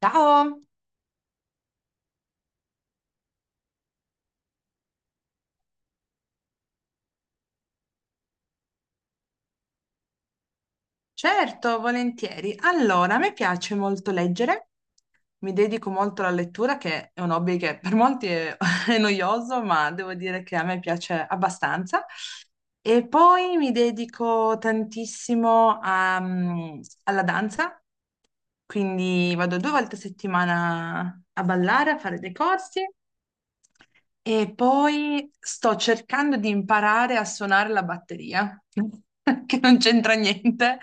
Ciao, certo, volentieri. Allora, a me piace molto leggere, mi dedico molto alla lettura, che è un hobby che per molti è, è noioso, ma devo dire che a me piace abbastanza. E poi mi dedico tantissimo alla danza, quindi vado due volte a settimana a ballare, a fare dei corsi. E poi sto cercando di imparare a suonare la batteria, che non c'entra niente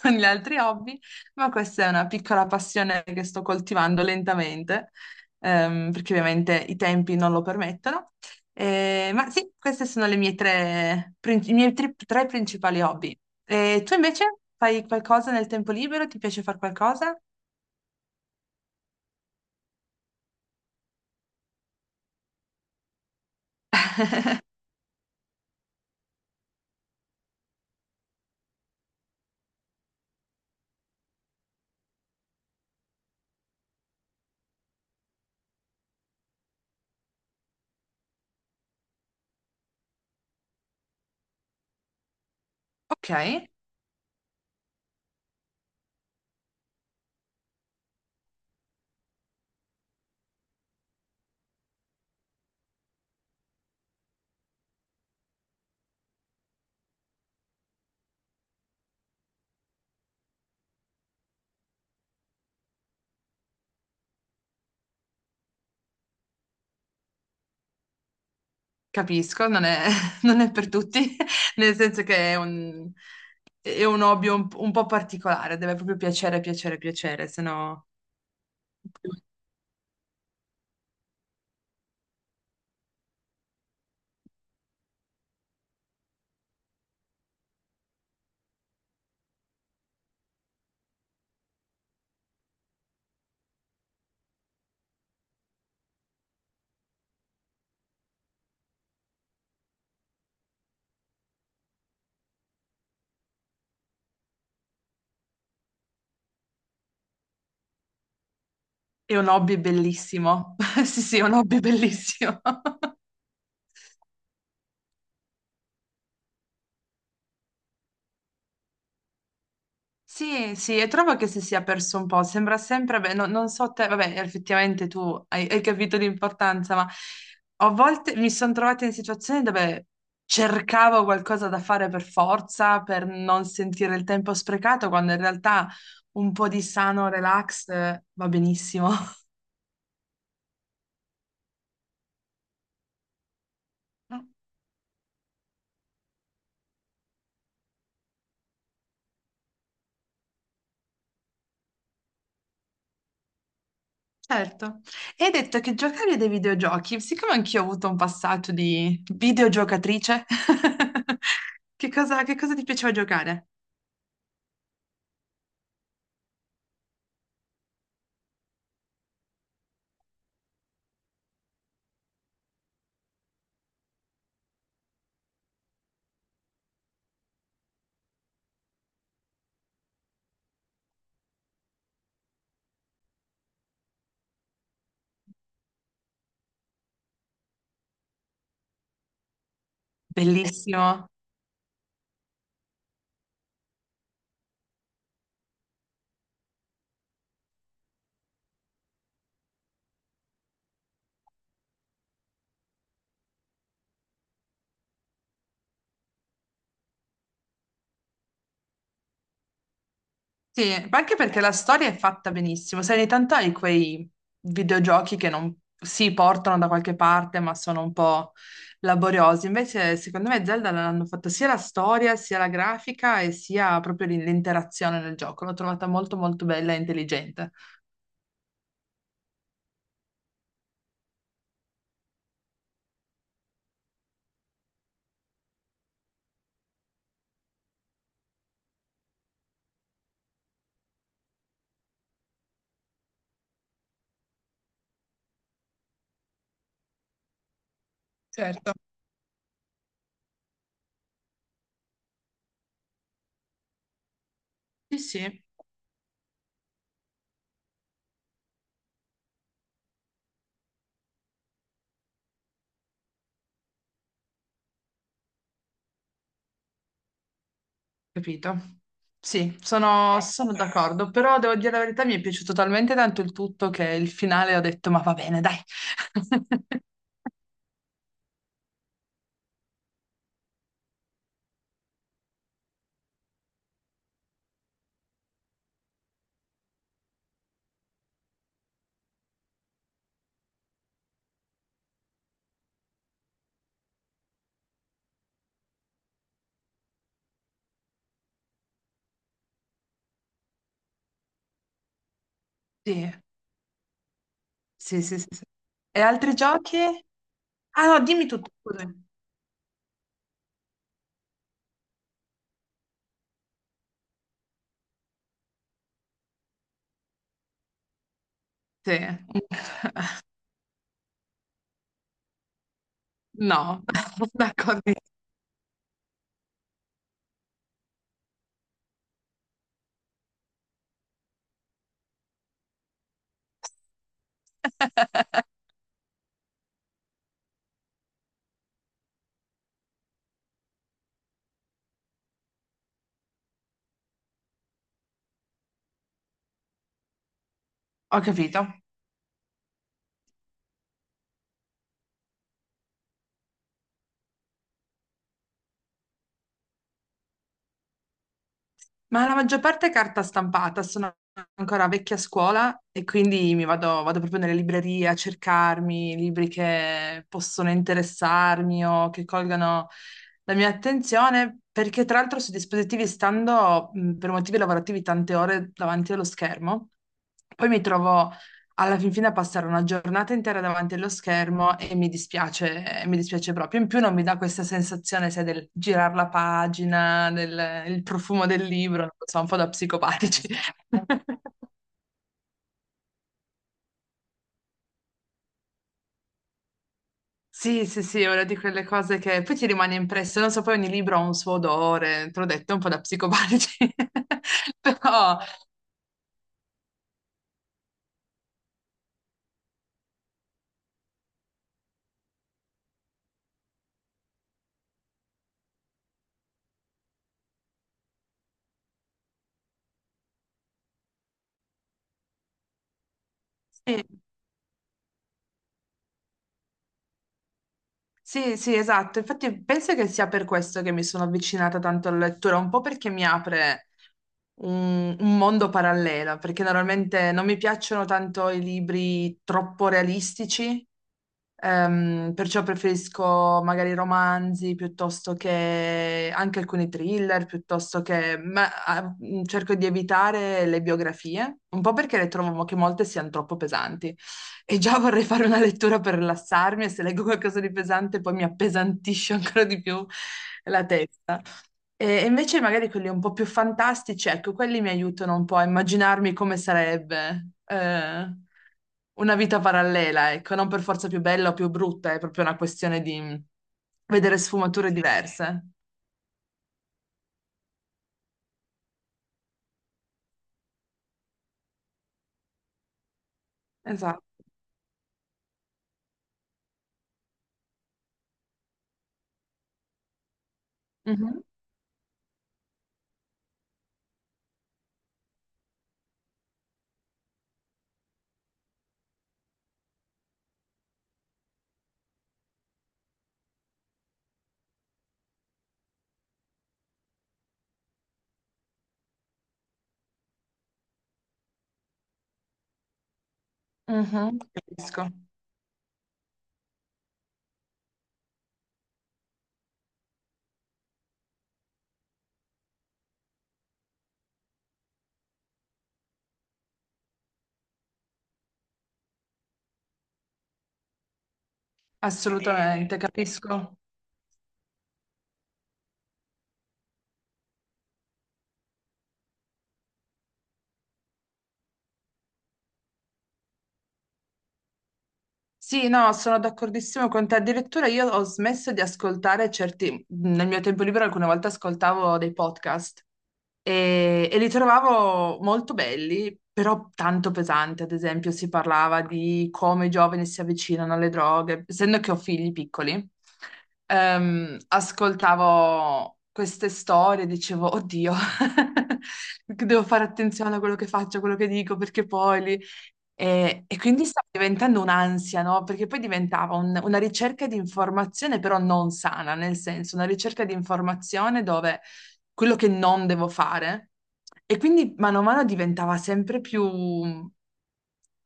con gli altri hobby, ma questa è una piccola passione che sto coltivando lentamente, perché ovviamente i tempi non lo permettono. Ma sì, queste sono le mie tre, prin- i miei tri- tre principali hobby. E tu invece fai qualcosa nel tempo libero? Ti piace fare qualcosa? Ok. Capisco, non è, non è per tutti, nel senso che è un hobby un po' particolare, deve proprio piacere, piacere, piacere, se no è un hobby bellissimo. Sì, sì, è un hobby bellissimo. Sì, sì, e trovo che si sia perso un po', sembra sempre, beh, non so te, vabbè, effettivamente tu hai capito l'importanza, ma a volte mi sono trovata in situazioni dove cercavo qualcosa da fare per forza, per non sentire il tempo sprecato, quando in realtà un po' di sano relax va benissimo. Certo. E hai detto che giocavi a dei videogiochi, siccome anch'io ho avuto un passaggio di videogiocatrice. Che cosa ti piaceva giocare? Bellissimo. Sì, ma anche perché la storia è fatta benissimo. Sai, ogni tanto hai quei videogiochi che non si portano da qualche parte, ma sono un po' laboriosi. Invece, secondo me, Zelda l'hanno fatta sia la storia, sia la grafica e sia proprio l'interazione nel gioco. L'ho trovata molto, molto bella e intelligente. Certo. Sì, sì, capito. Sì, sono d'accordo, però devo dire la verità, mi è piaciuto talmente tanto il tutto che il finale ho detto, ma va bene, dai. Sì. Sì, sì, sì, sì. E altri giochi? Ah no, dimmi tutto, scusami. Sì. No, d'accordo. Ho capito. Ma la maggior parte è carta stampata, sono ancora vecchia scuola e quindi vado proprio nelle librerie a cercarmi libri che possono interessarmi o che colgano la mia attenzione, perché tra l'altro su dispositivi stando per motivi lavorativi tante ore davanti allo schermo, poi mi trovo alla fin fine a passare una giornata intera davanti allo schermo e mi dispiace proprio. In più non mi dà questa sensazione, sai, del girare la pagina, del il profumo del libro, non lo so, un po' da psicopatici. Sì, sì, sì, è una di quelle cose che poi ti rimane impresso, non so, poi ogni libro ha un suo odore, te l'ho detto, un po' da psicopatici, però sì. Sì, sì, esatto. Infatti penso che sia per questo che mi sono avvicinata tanto alla lettura, un po' perché mi apre un mondo parallelo, perché normalmente non mi piacciono tanto i libri troppo realistici. Perciò preferisco magari romanzi piuttosto che anche alcuni thriller, piuttosto che cerco di evitare le biografie, un po' perché le trovo che molte siano troppo pesanti. E già vorrei fare una lettura per rilassarmi e se leggo qualcosa di pesante poi mi appesantisce ancora di più la testa. E invece magari quelli un po' più fantastici, ecco, quelli mi aiutano un po' a immaginarmi come sarebbe una vita parallela, ecco, non per forza più bella o più brutta, è proprio una questione di vedere sfumature diverse. Esatto. Mhm, mhm. Capisco, assolutamente, capisco. Sì, no, sono d'accordissimo con te. Addirittura io ho smesso di ascoltare certi, nel mio tempo libero alcune volte ascoltavo dei podcast e li trovavo molto belli, però tanto pesanti. Ad esempio, si parlava di come i giovani si avvicinano alle droghe, essendo che ho figli piccoli. Ascoltavo queste storie, e dicevo, oddio, devo fare attenzione a quello che faccio, a quello che dico, perché poi li, e quindi stava diventando un'ansia, no? Perché poi diventava una ricerca di informazione, però non sana, nel senso, una ricerca di informazione dove quello che non devo fare. E quindi mano a mano diventava sempre più,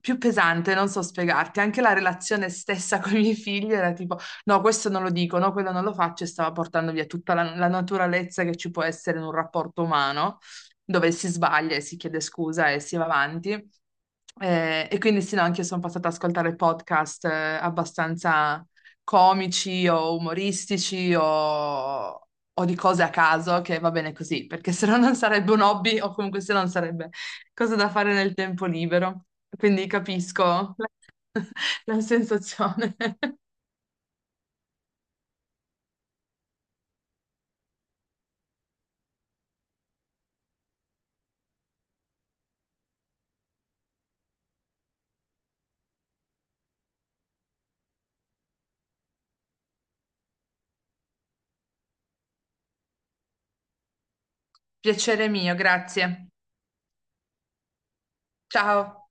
più pesante, non so spiegarti. Anche la relazione stessa con i miei figli era tipo, no, questo non lo dico, no, quello non lo faccio, e stava portando via tutta la naturalezza che ci può essere in un rapporto umano dove si sbaglia e si chiede scusa e si va avanti. E quindi sì, no, anche io sono passata ad ascoltare podcast abbastanza comici o umoristici o di cose a caso, che va bene così, perché se no non sarebbe un hobby o comunque se no non sarebbe cosa da fare nel tempo libero. Quindi capisco la sensazione. Piacere mio, grazie. Ciao.